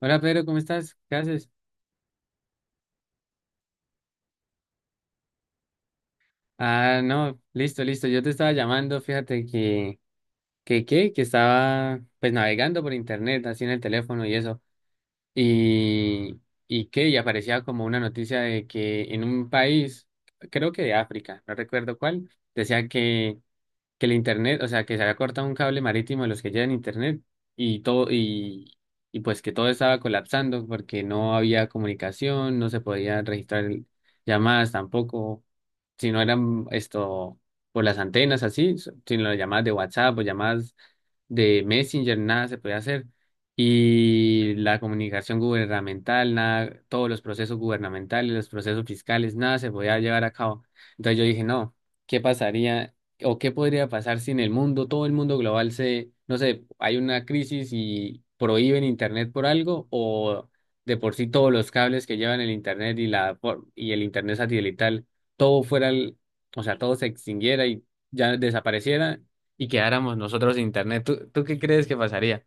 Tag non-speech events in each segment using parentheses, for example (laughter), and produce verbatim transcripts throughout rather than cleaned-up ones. Hola Pedro, ¿cómo estás? ¿Qué haces? Ah, no, listo, listo. Yo te estaba llamando, fíjate que, que, que, que estaba pues navegando por internet, así en el teléfono y eso. Y, y que, y aparecía como una noticia de que en un país, creo que de África, no recuerdo cuál, decía que, que el internet, o sea, que se había cortado un cable marítimo de los que llevan internet y todo, y, y pues que todo estaba colapsando porque no había comunicación, no se podía registrar llamadas tampoco. Si no eran esto por las antenas así, sino las llamadas de WhatsApp o llamadas de Messenger, nada se podía hacer. Y la comunicación gubernamental, nada, todos los procesos gubernamentales, los procesos fiscales, nada se podía llevar a cabo. Entonces yo dije, no, ¿qué pasaría o qué podría pasar si en el mundo, todo el mundo global se, no sé, hay una crisis y prohíben Internet por algo o de por sí todos los cables que llevan el Internet y, la, por- y el Internet satelital, todo fuera, el- o sea, todo se extinguiera y ya desapareciera y quedáramos nosotros de internet. ¿Tú, tú qué crees que pasaría?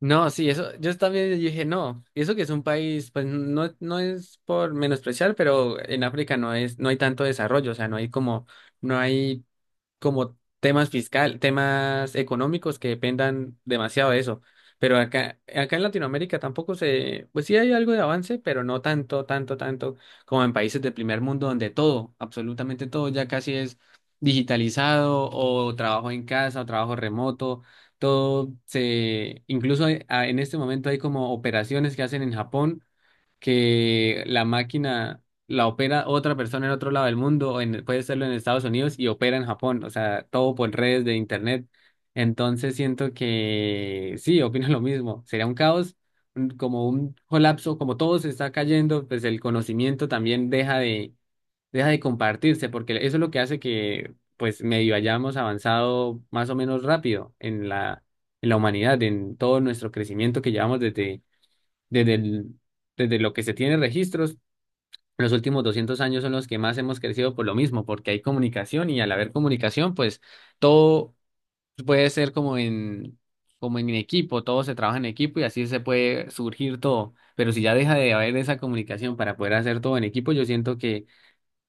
No, sí, eso, yo también dije, no, y eso que es un país, pues no, no es por menospreciar, pero en África no es, no hay tanto desarrollo, o sea, no hay como, no hay como temas fiscal, temas económicos que dependan demasiado de eso. Pero acá, acá en Latinoamérica tampoco se, pues sí hay algo de avance, pero no tanto, tanto, tanto como en países del primer mundo donde todo, absolutamente todo ya casi es digitalizado o trabajo en casa o trabajo remoto todo se, incluso hay- a- en este momento hay como operaciones que hacen en Japón que la máquina la opera otra persona en otro lado del mundo o en- puede serlo en Estados Unidos y opera en Japón, o sea, todo por redes de internet. Entonces siento que sí, opino (laughs) lo mismo. Sería un caos, un- como un colapso, como todo se está cayendo, pues el conocimiento también deja deja de compartirse, porque eso es lo que hace que, pues, medio hayamos avanzado más o menos rápido en la, en la humanidad, en todo nuestro crecimiento que llevamos desde, desde el- desde lo que se tiene registros. Los últimos doscientos años son los que más hemos crecido por lo mismo, porque hay comunicación y al haber comunicación, pues, todo puede ser como en, como en equipo, todo se trabaja en equipo y así se puede surgir todo. Pero si ya deja de haber esa comunicación para poder hacer todo en equipo, yo siento que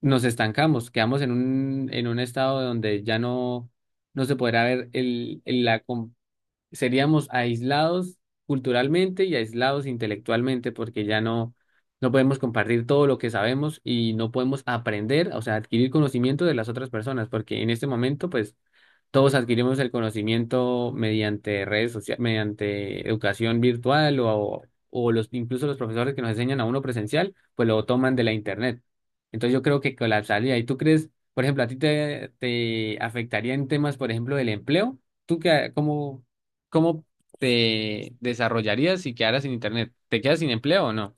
nos estancamos, quedamos en un, en un estado donde ya no, no se podrá ver el, el- la, com- seríamos aislados culturalmente y aislados intelectualmente porque ya no, no podemos compartir todo lo que sabemos y no podemos aprender, o sea, adquirir conocimiento de las otras personas, porque en este momento, pues, todos adquirimos el conocimiento mediante redes sociales, mediante educación virtual o, o los, incluso los profesores que nos enseñan a uno presencial, pues lo toman de la internet. Entonces yo creo que colapsaría. ¿Y tú crees, por ejemplo, a ti te, te afectaría en temas, por ejemplo, del empleo? ¿Tú qué, cómo, cómo te desarrollarías si quedaras sin internet? ¿Te quedas sin empleo o no?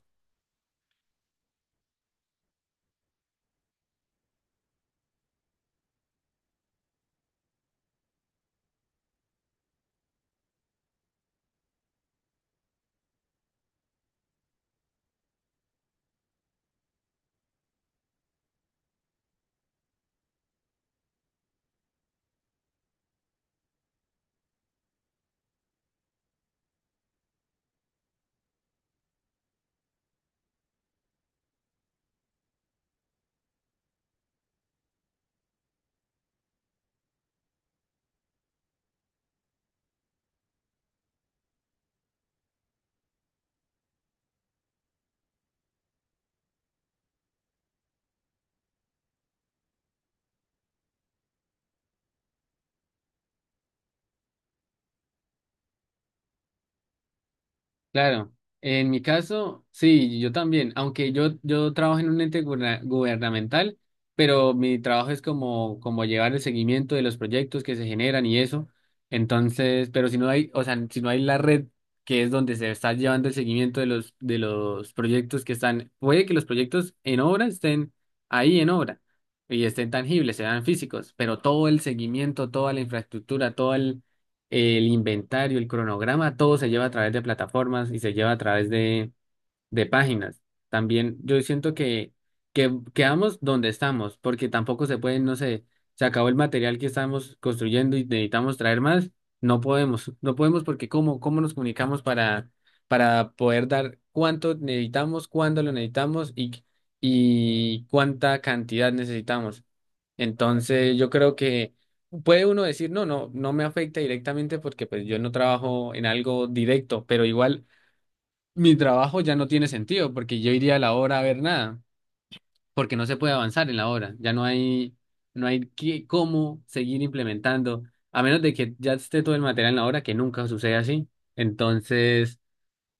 Claro, en mi caso, sí, yo también, aunque yo, yo trabajo en un ente guberna- gubernamental, pero mi trabajo es como, como llevar el seguimiento de los proyectos que se generan y eso. Entonces, pero si no hay, o sea, si no hay la red que es donde se está llevando el seguimiento de los, de los proyectos que están, puede que los proyectos en obra estén ahí en obra y estén tangibles, sean físicos, pero todo el seguimiento, toda la infraestructura, todo el inventario, el cronograma, todo se lleva a través de plataformas y se lleva a través de, de páginas. También yo siento que, que quedamos donde estamos, porque tampoco se puede, no sé, se acabó el material que estamos construyendo y necesitamos traer más. No podemos, no podemos porque ¿cómo, cómo nos comunicamos para, para poder dar cuánto necesitamos, cuándo lo necesitamos y, y cuánta cantidad necesitamos? Entonces, yo creo que puede uno decir, no, no, no me afecta directamente porque pues yo no trabajo en algo directo, pero igual mi trabajo ya no tiene sentido porque yo iría a la hora a ver nada, porque no se puede avanzar en la hora, ya no hay, no hay qué- cómo seguir implementando, a menos de que ya esté todo el material en la hora, que nunca sucede así. Entonces,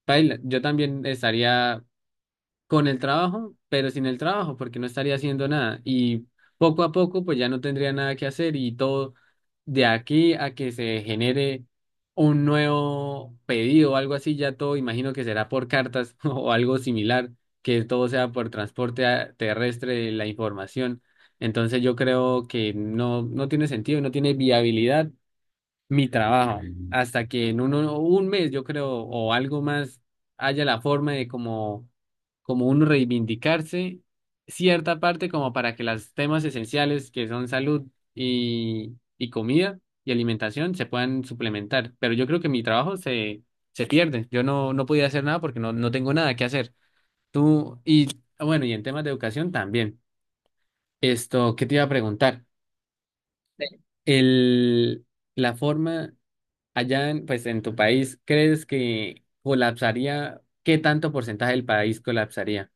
paila, yo también estaría con el trabajo, pero sin el trabajo, porque no estaría haciendo nada. Y poco a poco, pues ya no tendría nada que hacer y todo de aquí a que se genere un nuevo pedido o algo así, ya todo imagino que será por cartas (laughs) o algo similar, que todo sea por transporte a- terrestre de la información. Entonces yo creo que no, no tiene sentido, no tiene viabilidad mi trabajo, hasta que en uno, un mes, yo creo, o algo más, haya la forma de como, como uno reivindicarse cierta parte como para que los temas esenciales que son salud y, y comida y alimentación se puedan suplementar. Pero yo creo que mi trabajo se, se pierde. Yo no, no podía hacer nada porque no, no tengo nada que hacer. Tú, y bueno, y en temas de educación también. Esto, ¿qué te iba a preguntar? El, la forma... Allá, en, pues en tu país, ¿crees que colapsaría? ¿Qué tanto porcentaje del país colapsaría?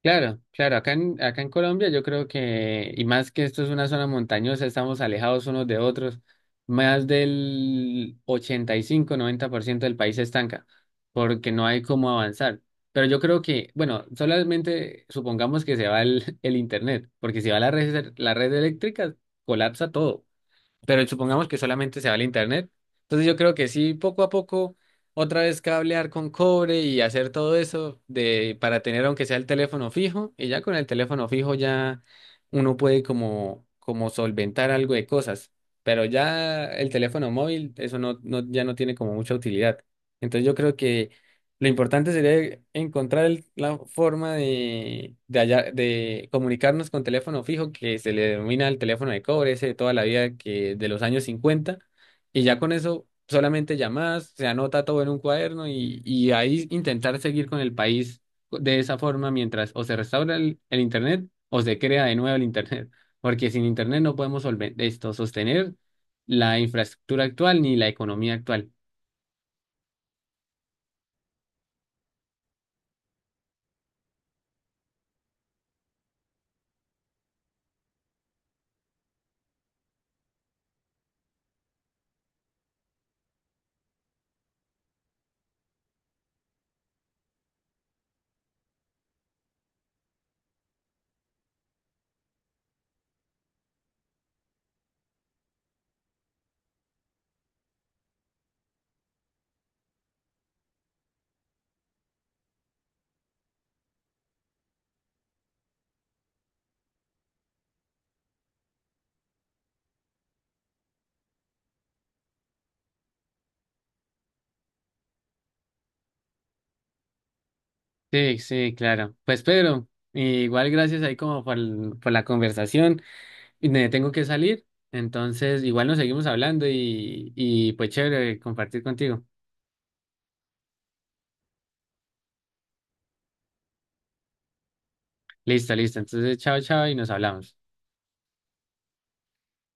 Claro, claro, acá en, acá en Colombia yo creo que, y más que esto es una zona montañosa, estamos alejados unos de otros, más del ochenta y cinco noventa por ciento del país se estanca, porque no hay cómo avanzar. Pero yo creo que, bueno, solamente supongamos que se va el, (laughs) el internet, porque si va la red, la red eléctrica, colapsa todo. Pero supongamos que solamente se va al internet. Entonces yo creo que sí, poco a poco, otra vez cablear con cobre y hacer todo eso de, para tener aunque sea el teléfono fijo, y ya con el teléfono fijo ya uno puede como, como solventar algo de cosas, pero ya el teléfono móvil, eso no, no, ya no tiene como mucha utilidad. Entonces yo creo que lo importante sería encontrar el- la forma de, de, hallar- de comunicarnos con teléfono fijo, que se le denomina el teléfono de cobre, ese de toda la vida que de los años cincuenta y ya con eso solamente llamadas, se anota todo en un cuaderno y, y ahí intentar seguir con el país de esa forma mientras o se restaura el, el Internet o se crea de nuevo el Internet, porque sin Internet no podemos solven- esto, sostener la infraestructura actual ni la economía actual. Sí, sí, claro. Pues Pedro, igual gracias ahí como por, el- por la conversación. Y Me tengo que salir, entonces igual nos seguimos hablando y, y pues chévere compartir contigo. Listo, listo. Entonces, chao, chao y nos hablamos.